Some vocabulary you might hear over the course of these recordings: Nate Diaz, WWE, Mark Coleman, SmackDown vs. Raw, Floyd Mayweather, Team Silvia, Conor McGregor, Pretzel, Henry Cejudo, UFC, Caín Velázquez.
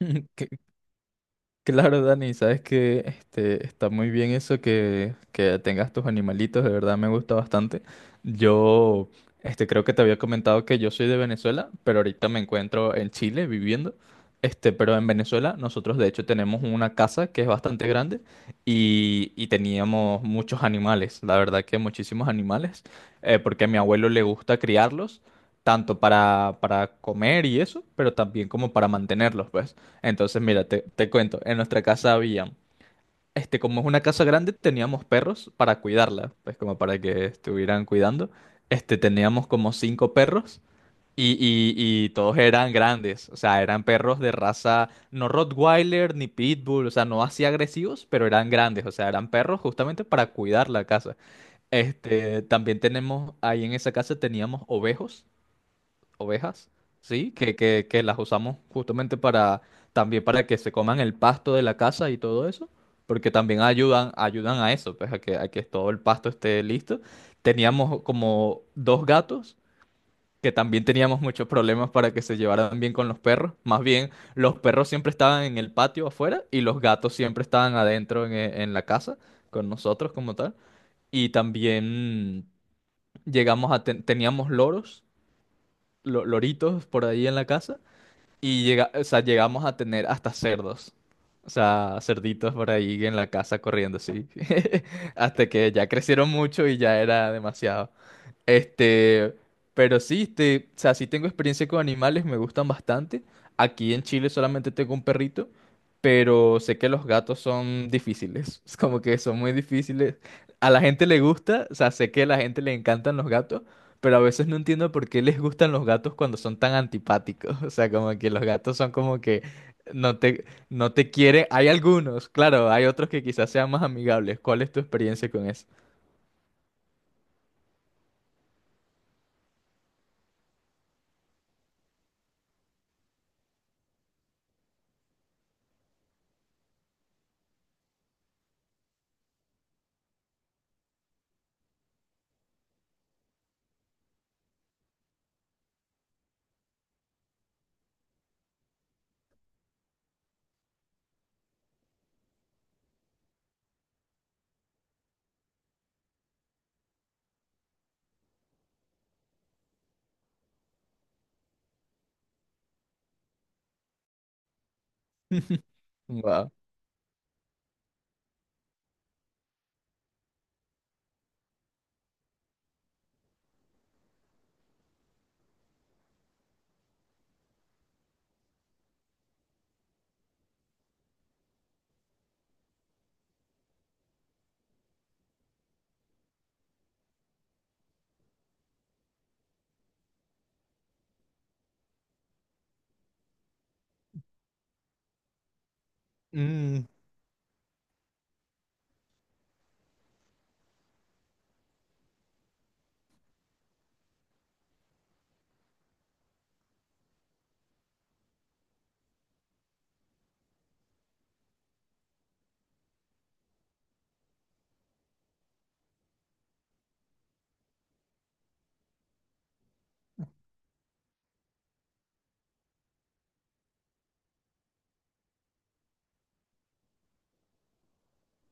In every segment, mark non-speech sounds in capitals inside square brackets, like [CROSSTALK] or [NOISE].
[LAUGHS] Que- Claro, Dani, sabes que está muy bien eso que tengas tus animalitos, de verdad me gusta bastante. Yo creo que te había comentado que yo soy de Venezuela, pero ahorita me encuentro en Chile viviendo. Pero en Venezuela nosotros de hecho tenemos una casa que es bastante grande y, teníamos muchos animales, la verdad que muchísimos animales, porque a mi abuelo le gusta criarlos, tanto para comer y eso, pero también como para mantenerlos, pues. Entonces, mira, te cuento, en nuestra casa había, como es una casa grande, teníamos perros para cuidarla, pues como para que estuvieran cuidando. Teníamos como cinco perros y, y- y todos eran grandes, o sea, eran perros de raza, no Rottweiler ni Pitbull, o sea, no así agresivos, pero eran grandes, o sea, eran perros justamente para cuidar la casa. También tenemos, ahí en esa casa teníamos ovejos ovejas, sí, que las usamos justamente para también para que se coman el pasto de la casa y todo eso, porque también ayudan a eso, pues a a que todo el pasto esté listo. Teníamos como dos gatos que también teníamos muchos problemas para que se llevaran bien con los perros. Más bien, los perros siempre estaban en el patio afuera y los gatos siempre estaban adentro en la casa con nosotros como tal. Y también teníamos loros, loritos por ahí en la casa y llegamos a tener hasta cerdos. O sea, cerditos por ahí en la casa corriendo así. [LAUGHS] Hasta que ya crecieron mucho y ya era demasiado. Este, pero sí, o sea, sí tengo experiencia con animales, me gustan bastante. Aquí en Chile solamente tengo un perrito, pero sé que los gatos son difíciles, [LAUGHS] es como que son muy difíciles. A la gente le gusta, o sea, sé que a la gente le encantan los gatos, pero a veces no entiendo por qué les gustan los gatos cuando son tan antipáticos. [LAUGHS] O sea, como que los gatos son como que no te quieren. Hay algunos, claro, hay otros que quizás sean más amigables. ¿Cuál es tu experiencia con eso? [LAUGHS] Wow.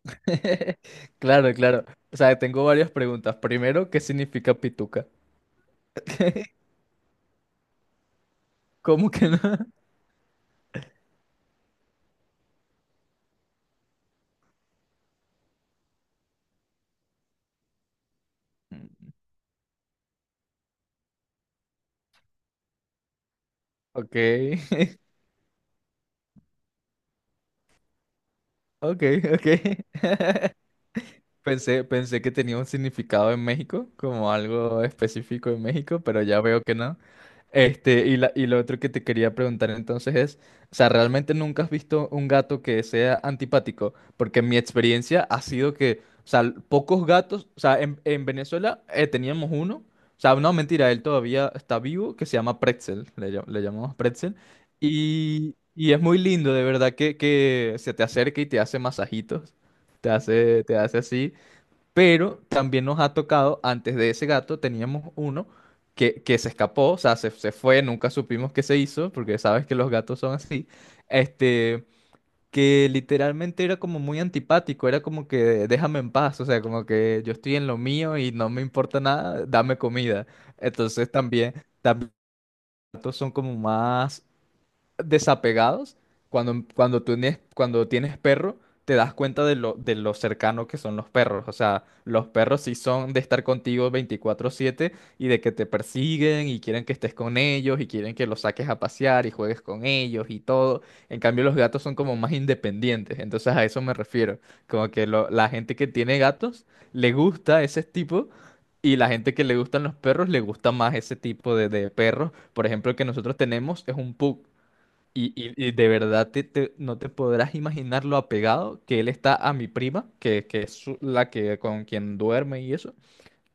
[LAUGHS] Claro, claro. O sea, tengo varias preguntas. Primero, ¿qué significa pituca? [LAUGHS] ¿Cómo que no? [LAUGHS] Ok, [LAUGHS] ok, ok. [LAUGHS] Pensé que tenía un significado en México, como algo específico en México, pero ya veo que no. Y y lo otro que te quería preguntar entonces es, o sea, ¿realmente nunca has visto un gato que sea antipático? Porque mi experiencia ha sido que, o sea, pocos gatos, o sea, en Venezuela teníamos uno, o sea, no, mentira, él todavía está vivo, que se llama Pretzel, le llamamos Pretzel, y, es muy lindo, de verdad, que se te acerca y te hace masajitos. Te hace así. Pero también nos ha tocado, antes de ese gato, teníamos uno que se escapó, o sea, se fue, nunca supimos qué se hizo, porque sabes que los gatos son así. Este, que literalmente era como muy antipático, era como que déjame en paz, o sea, como que yo estoy en lo mío y no me importa nada, dame comida. Entonces también, también los gatos son como más desapegados, cuando tú tienes, cuando tienes perro, te das cuenta de de lo cercano que son los perros. O sea, los perros sí son de estar contigo 24/7 y de que te persiguen y quieren que estés con ellos y quieren que los saques a pasear y juegues con ellos y todo. En cambio, los gatos son como más independientes. Entonces a eso me refiero. Como que la gente que tiene gatos le gusta ese tipo. Y la gente que le gustan los perros le gusta más ese tipo de perros. Por ejemplo, el que nosotros tenemos es un pug. Y de verdad no te podrás imaginar lo apegado que él está a mi prima, que es la que con quien duerme y eso,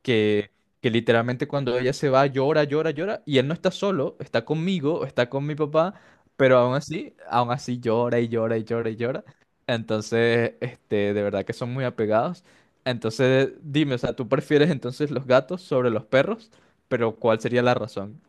que, que literalmente cuando ella se va llora, llora, llora, y él no está solo, está conmigo, está con mi papá, pero aún así llora y llora y llora y llora. Entonces, de verdad que son muy apegados. Entonces, dime, o sea, ¿tú prefieres entonces los gatos sobre los perros? Pero ¿cuál sería la razón?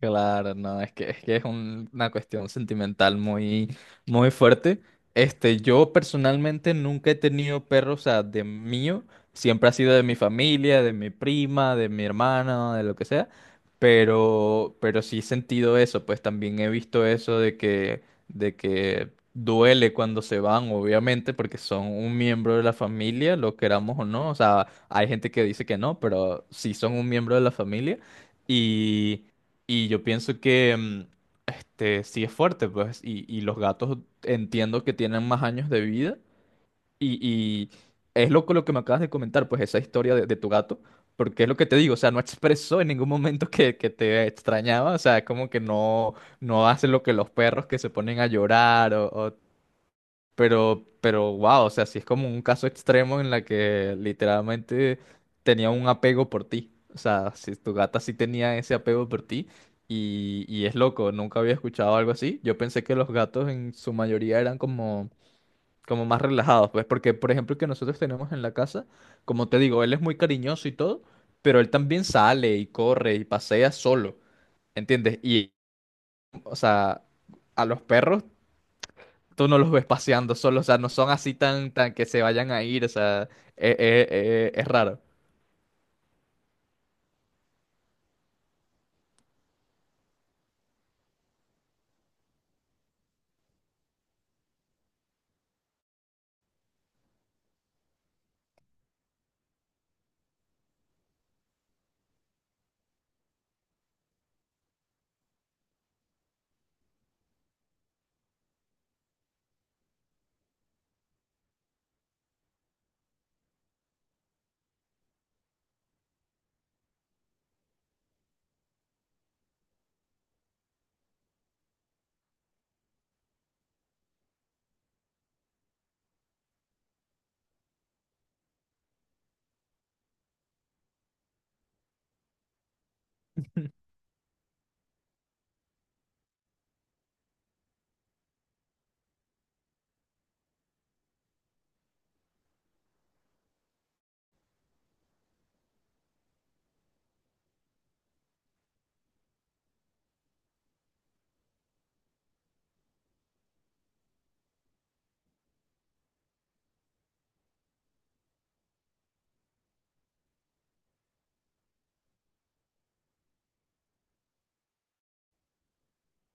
Claro, no, es que es una cuestión sentimental muy, muy fuerte. Yo personalmente nunca he tenido perros, o sea, de mío, siempre ha sido de mi familia, de mi prima, de mi hermana, de lo que sea, pero sí he sentido eso, pues también he visto eso de de que duele cuando se van, obviamente, porque son un miembro de la familia, lo queramos o no, o sea, hay gente que dice que no, pero sí son un miembro de la familia. Y yo pienso que sí es fuerte, pues, y, los gatos entiendo que tienen más años de vida. Y, es loco lo que me acabas de comentar, pues, esa historia de tu gato, porque es lo que te digo, o sea, no expresó en ningún momento que te extrañaba, o sea, es como que no, no hace lo que los perros que se ponen a llorar o pero, wow, o sea, sí es como un caso extremo en la que literalmente tenía un apego por ti. O sea, si tu gata sí tenía ese apego por ti. Y, es loco, nunca había escuchado algo así. Yo pensé que los gatos en su mayoría eran como, como más relajados, pues, porque, por ejemplo, el que nosotros tenemos en la casa, como te digo, él es muy cariñoso y todo, pero él también sale y corre y pasea solo, ¿entiendes? Y, o sea, a los perros tú no los ves paseando solo, o sea, no son así tan, tan que se vayan a ir, o sea, es raro.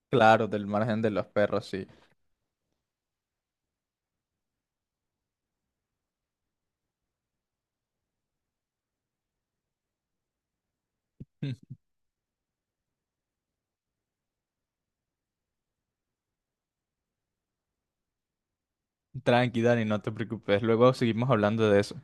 Claro, del margen de los perros, sí. [LAUGHS] Tranqui, Dani, no te preocupes, luego seguimos hablando de eso.